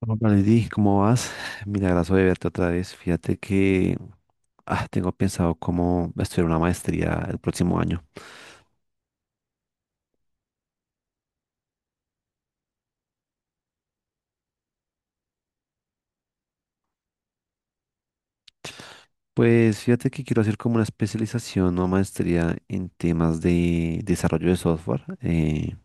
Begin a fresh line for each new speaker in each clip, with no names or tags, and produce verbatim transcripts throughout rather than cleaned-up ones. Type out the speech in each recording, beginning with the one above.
Hola, Valentín, ¿cómo vas? Milagroso de verte otra vez. Fíjate que ah, tengo pensado cómo estudiar una maestría el próximo año. Pues fíjate que quiero hacer como una especialización o maestría en temas de desarrollo de software. Eh,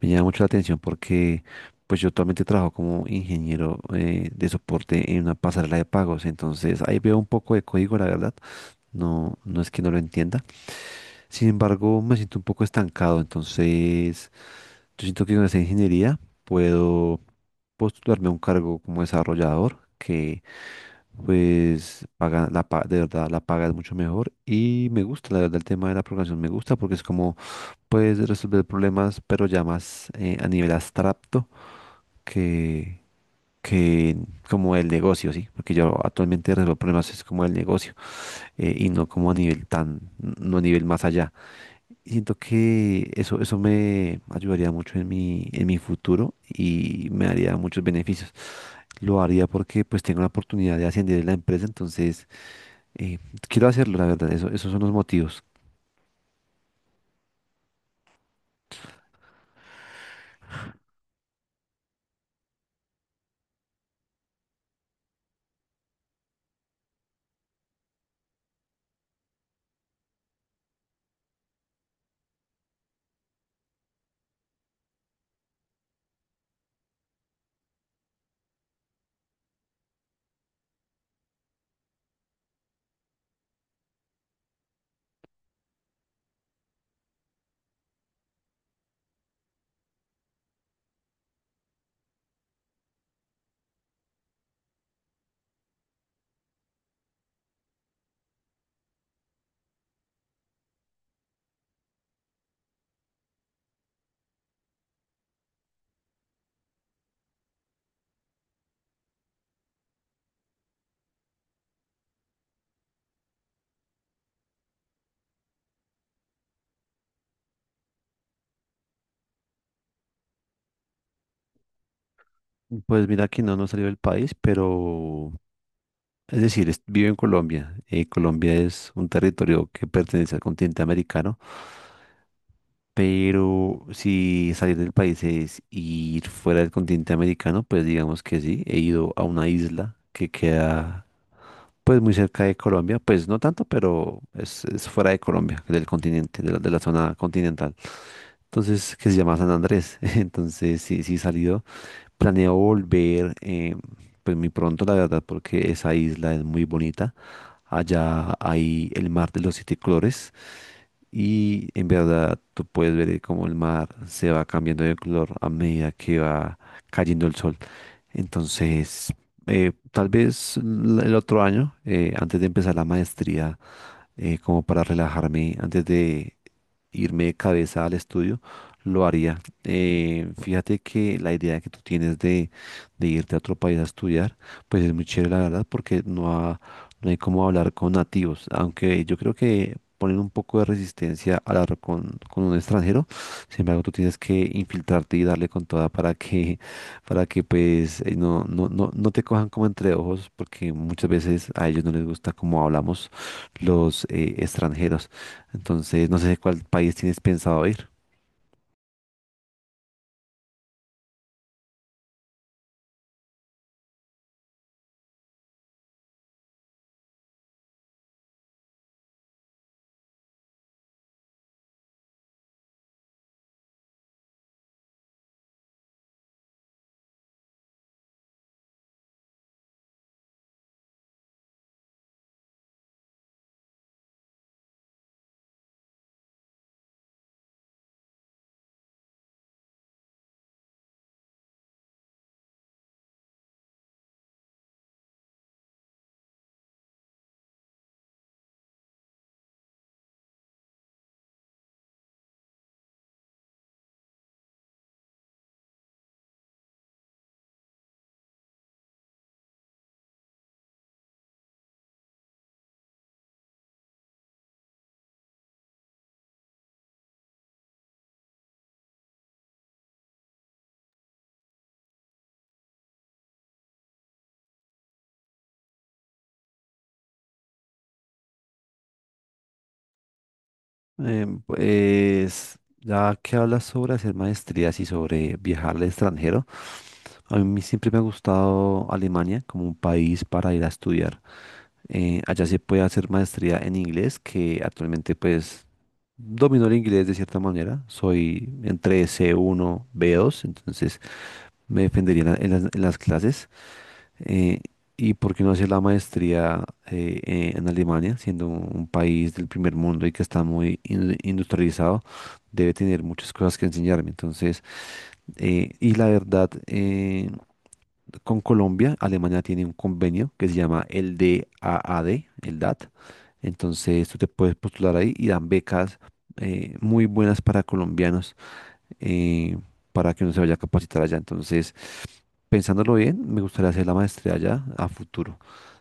Me llama mucho la atención porque pues yo actualmente trabajo como ingeniero eh, de soporte en una pasarela de pagos. Entonces ahí veo un poco de código, la verdad. No, no es que no lo entienda. Sin embargo, me siento un poco estancado, entonces yo siento que con esa ingeniería puedo postularme a un cargo como desarrollador que pues paga la pa- de verdad la paga es mucho mejor y me gusta, la verdad el tema de la programación me gusta porque es como puedes resolver problemas pero ya más eh, a nivel abstracto que que como el negocio, ¿sí? Porque yo actualmente resuelvo problemas es como el negocio, eh, y no como a nivel tan, no a nivel más allá. Y siento que eso, eso me ayudaría mucho en mi, en mi futuro y me daría muchos beneficios. Lo haría porque pues tengo la oportunidad de ascender en la empresa, entonces eh, quiero hacerlo, la verdad, eso, esos son los motivos. Pues mira que no, no salió del país, pero es decir, es- vivo en Colombia. eh, Colombia es un territorio que pertenece al continente americano, pero si salir del país es ir fuera del continente americano, pues digamos que sí, he ido a una isla que queda. Pues muy cerca de Colombia, pues no tanto, pero es, es fuera de Colombia, del continente, de la, de la zona continental. Entonces, que se llama San Andrés. Entonces, sí, sí he salido. Planeo volver, eh, pues muy pronto, la verdad, porque esa isla es muy bonita. Allá hay el mar de los siete colores y en verdad tú puedes ver cómo el mar se va cambiando de color a medida que va cayendo el sol. Entonces, eh, tal vez l- el otro año, eh, antes de empezar la maestría, eh, como para relajarme antes de, irme de cabeza al estudio, lo haría. Eh, fíjate que la idea que tú tienes de, de irte a otro país a estudiar, pues es muy chévere, la verdad, porque no, ha- no hay como hablar con nativos, aunque yo creo que ponen un poco de resistencia al hablar con, con un extranjero, sin embargo, tú tienes que infiltrarte y darle con toda para que, para que pues eh, no, no, no, no te cojan como entre ojos, porque muchas veces a ellos no les gusta cómo hablamos los eh, extranjeros. Entonces, no sé cuál país tienes pensado ir. Em, pues, ya que hablas sobre hacer maestrías y sobre viajar al extranjero, a mí siempre me ha gustado Alemania como un país para ir a estudiar. Eh, allá se puede hacer maestría en inglés, que actualmente pues domino el inglés de cierta manera. Soy entre c uno b dos, entonces me defendería en la- en las en las clases. eh, y por qué no hacer la maestría eh, eh, en Alemania, siendo un un país del primer mundo y que está muy in- industrializado, debe tener muchas cosas que enseñarme. Entonces, eh, y la verdad, eh, con Colombia, Alemania tiene un convenio que se llama el D A A D, el D A T. Entonces, tú te puedes postular ahí y dan becas eh, muy buenas para colombianos, eh, para que uno se vaya a capacitar allá. Entonces, pensándolo bien, me gustaría hacer la maestría ya a futuro.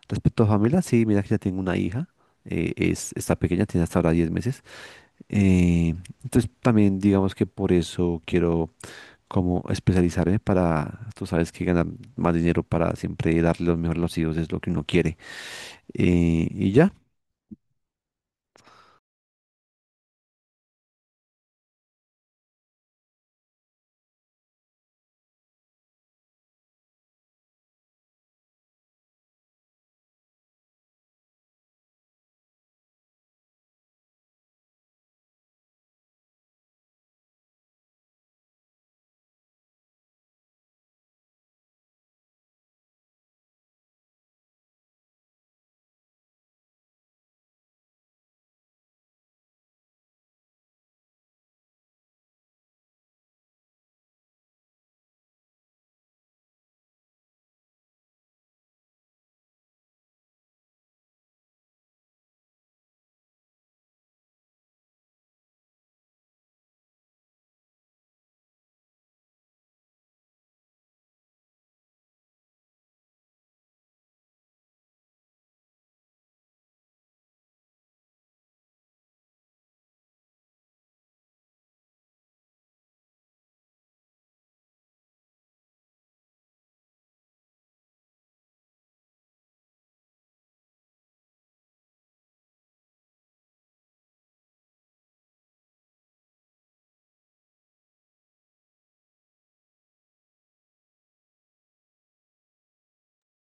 Respecto a familia, sí, mira que ya tengo una hija, eh, es, está pequeña, tiene hasta ahora diez meses. eh, entonces también digamos que por eso quiero como especializarme para, tú sabes que ganar más dinero para siempre darle lo mejor a los hijos es lo que uno quiere. eh, y ya.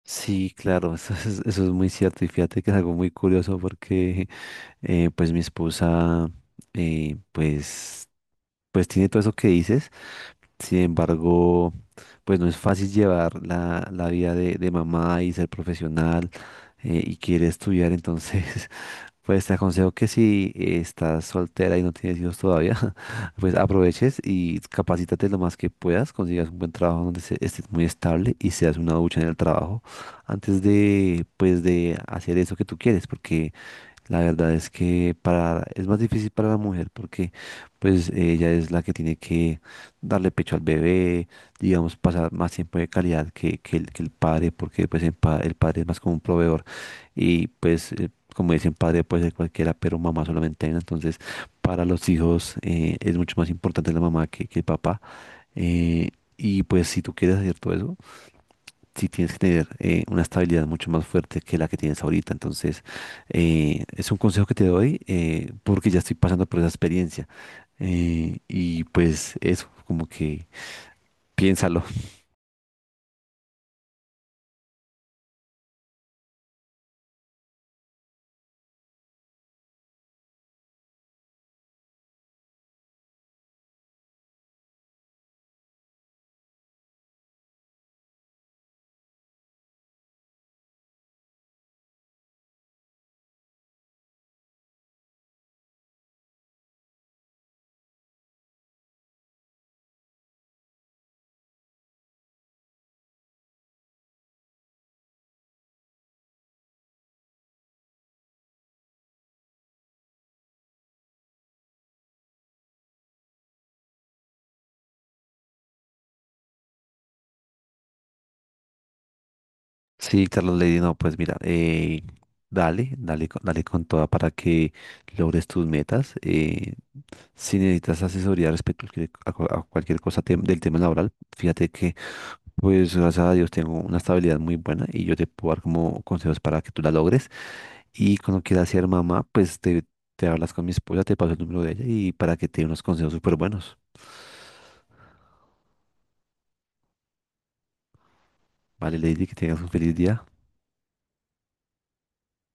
Sí, claro, eso es, eso es muy cierto y fíjate que es algo muy curioso porque eh, pues mi esposa, eh, pues pues tiene todo eso que dices. Sin embargo, pues no es fácil llevar la, la vida de, de mamá y ser profesional, eh, y quiere estudiar, entonces, pues te aconsejo que si eh, estás soltera y no tienes hijos todavía, pues aproveches y capacítate lo más que puedas, consigas un buen trabajo donde se- estés muy estable y seas una ducha en el trabajo antes de, pues, de hacer eso que tú quieres, porque la verdad es que para, es más difícil para la mujer porque pues ella es la que tiene que darle pecho al bebé, digamos, pasar más tiempo de calidad que, que el, que el padre, porque pues el, pa- el padre es más como un proveedor y pues eh, como dicen padre puede ser cualquiera, pero mamá solamente hay una. Entonces para los hijos eh, es mucho más importante la mamá que, que el papá. eh, y pues si tú quieres hacer todo eso, sí tienes que tener eh, una estabilidad mucho más fuerte que la que tienes ahorita. Entonces, eh, es un consejo que te doy, eh, porque ya estoy pasando por esa experiencia. Eh, y pues eso, como que piénsalo. Sí, Carlos Lady, no, pues mira, eh, dale, dale, con- dale con toda para que logres tus metas. Eh, si necesitas asesoría respecto a cualquier a cu- a cualquier cosa tem- del tema laboral, fíjate que... Pues gracias a Dios tengo una estabilidad muy buena y yo te puedo dar como consejos para que tú la logres. Y cuando quieras ser mamá, pues te, te hablas con mi esposa, te paso el número de ella y para que te dé unos consejos súper buenos. Vale, Lady, que tengas un feliz día.